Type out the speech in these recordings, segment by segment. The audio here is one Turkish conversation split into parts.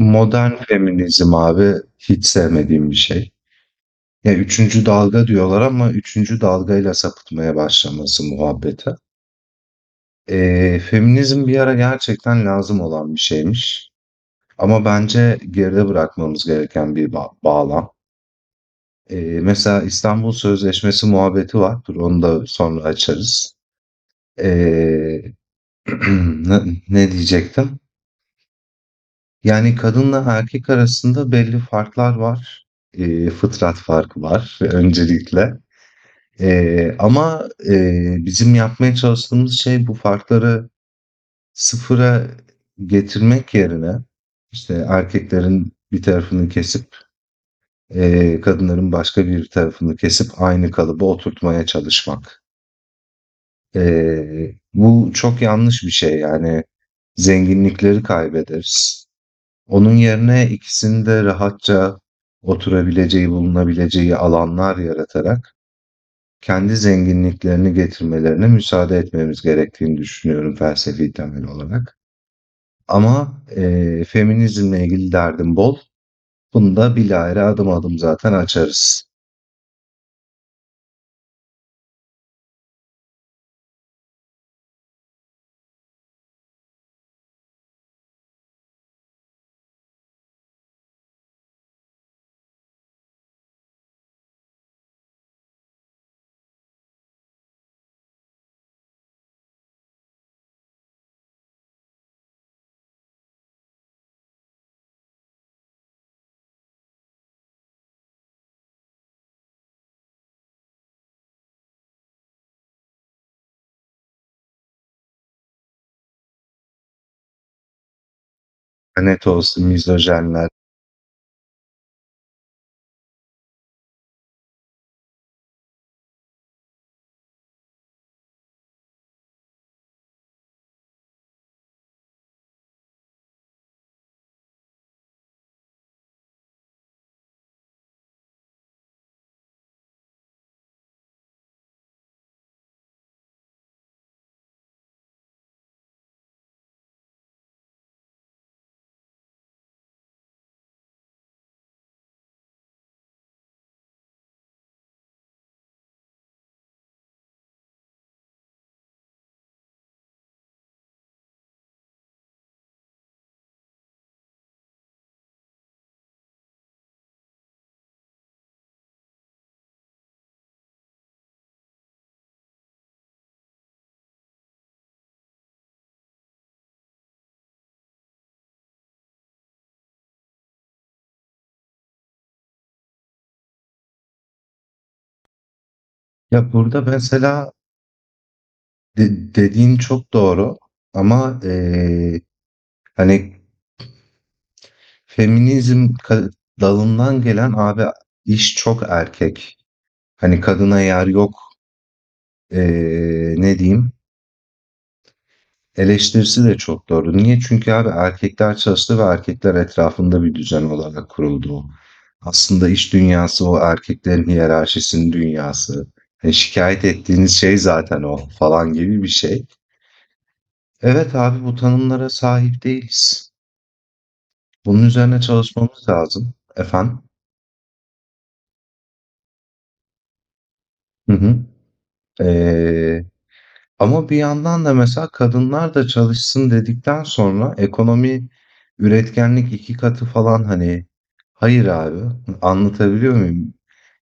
Modern feminizm abi hiç sevmediğim bir şey. Ya üçüncü dalga diyorlar ama üçüncü dalgayla sapıtmaya başlaması muhabbete. Feminizm bir ara gerçekten lazım olan bir şeymiş. Ama bence geride bırakmamız gereken bağlam. Mesela İstanbul Sözleşmesi muhabbeti var. Dur onu da sonra açarız. Ee, ne ne diyecektim? Yani kadınla erkek arasında belli farklar var. Fıtrat farkı var öncelikle. Ama bizim yapmaya çalıştığımız şey bu farkları sıfıra getirmek yerine, işte, erkeklerin bir tarafını kesip, kadınların başka bir tarafını kesip aynı kalıba oturtmaya çalışmak. Bu çok yanlış bir şey, yani zenginlikleri kaybederiz. Onun yerine ikisinde rahatça oturabileceği, bulunabileceği alanlar yaratarak kendi zenginliklerini getirmelerine müsaade etmemiz gerektiğini düşünüyorum felsefi temel olarak. Ama feminizmle ilgili derdim bol. Bunu da bilahare adım adım zaten açarız. Net olsun misojinler. Ya, burada mesela de dediğin çok doğru ama, hani, feminizm ka dalından gelen abi iş çok erkek. Hani kadına yer yok, ne diyeyim, eleştirisi de çok doğru. Niye? Çünkü abi erkekler çalıştı ve erkekler etrafında bir düzen olarak kuruldu o. Aslında iş dünyası o erkeklerin hiyerarşisinin dünyası. E, şikayet ettiğiniz şey zaten o falan gibi bir şey. Evet abi bu tanımlara sahip değiliz. Bunun üzerine çalışmamız lazım. Efendim? Hı hı. Eee Ama bir yandan da mesela kadınlar da çalışsın dedikten sonra ekonomi, üretkenlik 2 katı falan, hani. Hayır abi, anlatabiliyor muyum?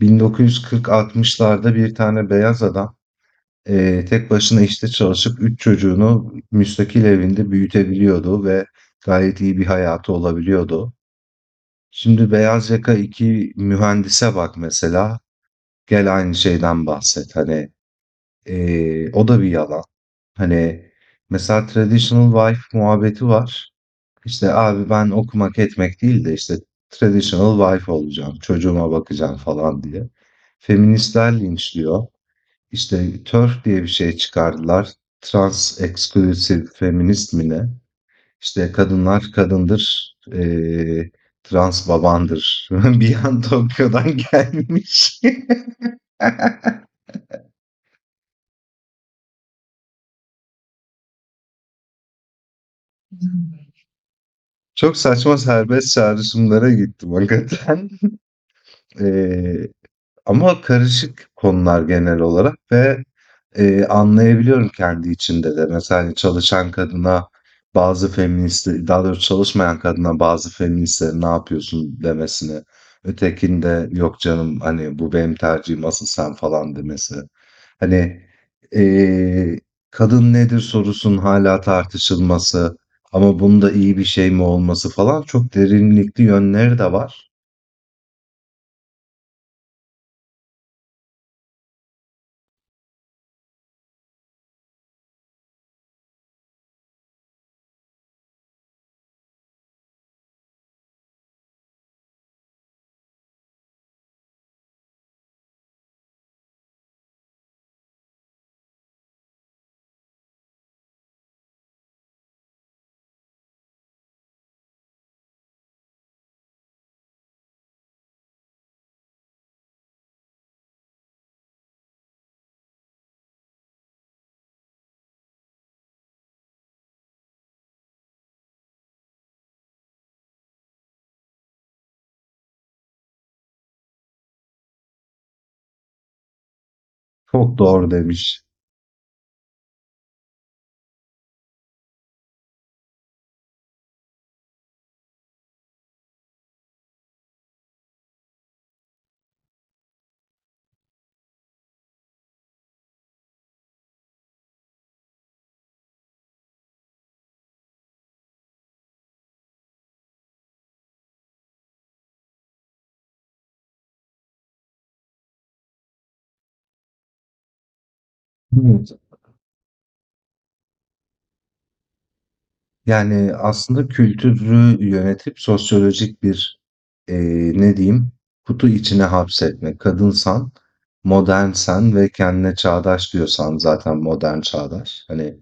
1940-60'larda bir tane beyaz adam, tek başına işte çalışıp 3 çocuğunu müstakil evinde büyütebiliyordu ve gayet iyi bir hayatı olabiliyordu. Şimdi beyaz yaka 2 mühendise bak mesela, gel aynı şeyden bahset. Hani. O da bir yalan. Hani, mesela traditional wife muhabbeti var. İşte, abi ben okumak etmek değil de, işte, traditional wife olacağım, çocuğuma bakacağım falan diye. Feministler linçliyor. İşte, TERF diye bir şey çıkardılar. Trans Exclusive Feminist mi ne? İşte, kadınlar kadındır, trans babandır. Bir an Tokyo'dan gelmiş. Çok saçma serbest çağrışımlara gittim hakikaten. Eee, Ama karışık konular genel olarak ve anlayabiliyorum kendi içinde de. Mesela, hani, çalışan kadına bazı feministlerin, daha doğrusu çalışmayan kadına bazı feministlerin "Ne yapıyorsun?" demesini, ötekinde "Yok canım, hani, bu benim tercihim, asıl sen." falan demesi. Hani, eee, kadın nedir sorusunun hâlâ tartışılması ama bunun da iyi bir şey mi olması falan çok derinlikli yönleri de var. Çok doğru demiş. Hı hı. Yani, aslında kültürü yönetip sosyolojik bir ne diyeyim, kutu içine hapsetmek. Kadınsan, modernsen ve kendine çağdaş diyorsan zaten modern, çağdaş. Hani,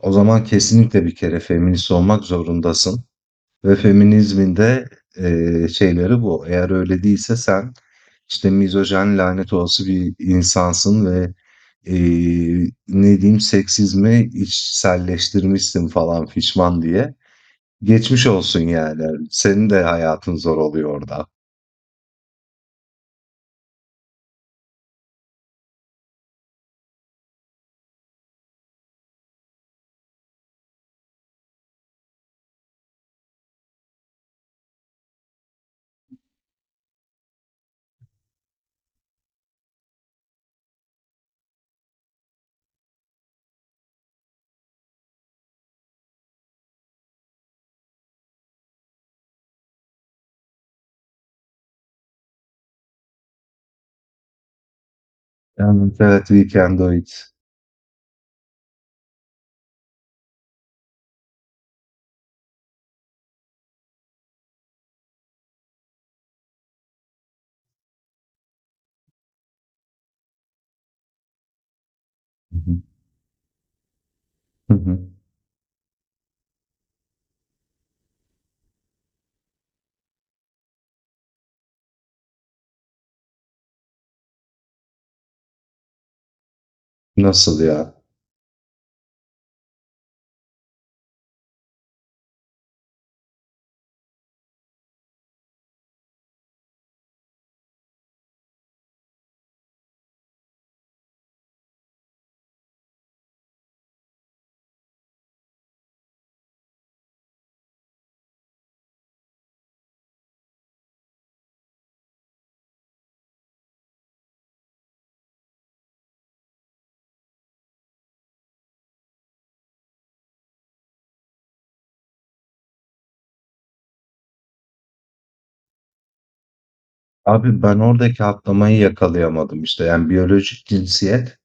o zaman kesinlikle bir kere feminist olmak zorundasın ve feminizmin de şeyleri bu. Eğer öyle değilse sen, işte, mizojen, lanet olası bir insansın ve ne diyeyim, seksizmi içselleştirmişsin falan fişman diye. Geçmiş olsun yani. Senin de hayatın zor oluyor orada. Yani evet, we can do it. Hı hı, hı hı. Nasıl ya? Abi ben oradaki atlamayı yakalayamadım işte. Yani biyolojik cinsiyet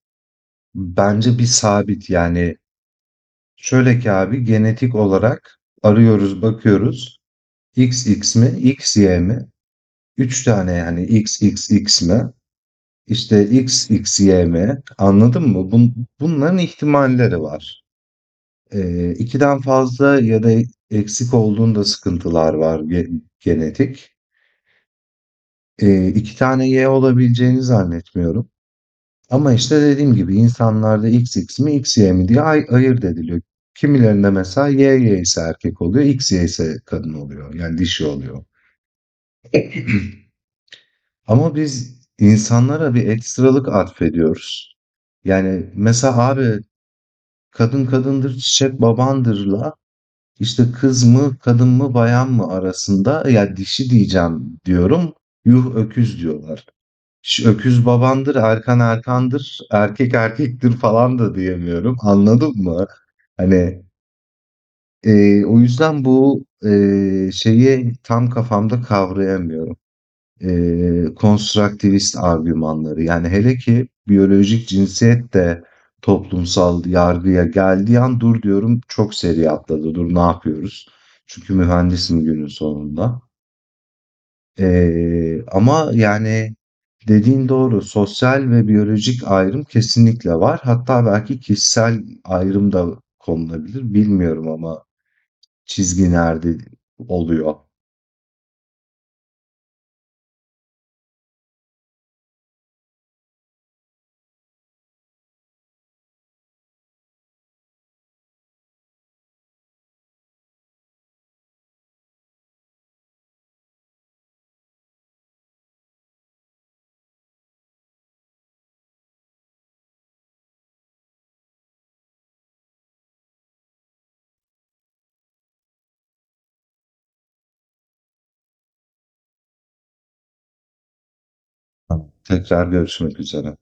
bence bir sabit. Yani şöyle ki abi genetik olarak arıyoruz, bakıyoruz. X X mi? X Y mi? Üç tane yani X X XXX mi? İşte XXY mi? Anladın mı? Bunların ihtimalleri var. 2'den fazla ya da eksik olduğunda sıkıntılar var genetik. 2 tane Y olabileceğini zannetmiyorum. Ama işte dediğim gibi insanlarda X X mi X Y mi diye ayırt ediliyor. Kimilerinde mesela Y Y ise erkek oluyor, X Y ise kadın oluyor. Yani dişi oluyor. Ama biz insanlara bir ekstralık atfediyoruz. Yani mesela abi kadın kadındır çiçek babandırla. İşte kız mı, kadın mı, bayan mı arasında ya dişi diyeceğim diyorum. Yuh öküz diyorlar. Ş- Öküz babandır, erkan erkandır, erkek erkektir falan da diyemiyorum. Anladın mı? Hani o yüzden bu şeyi tam kafamda kavrayamıyorum konstruktivist argümanları. Yani hele ki biyolojik cinsiyet de toplumsal yargıya geldiği an dur diyorum çok seri atladı. Dur ne yapıyoruz? Çünkü mühendisim günün sonunda. Ama yani dediğin doğru. Sosyal ve biyolojik ayrım kesinlikle var. Hatta belki kişisel ayrım da konulabilir. Bilmiyorum ama çizgi nerede oluyor. Tamam. Tekrar görüşmek üzere.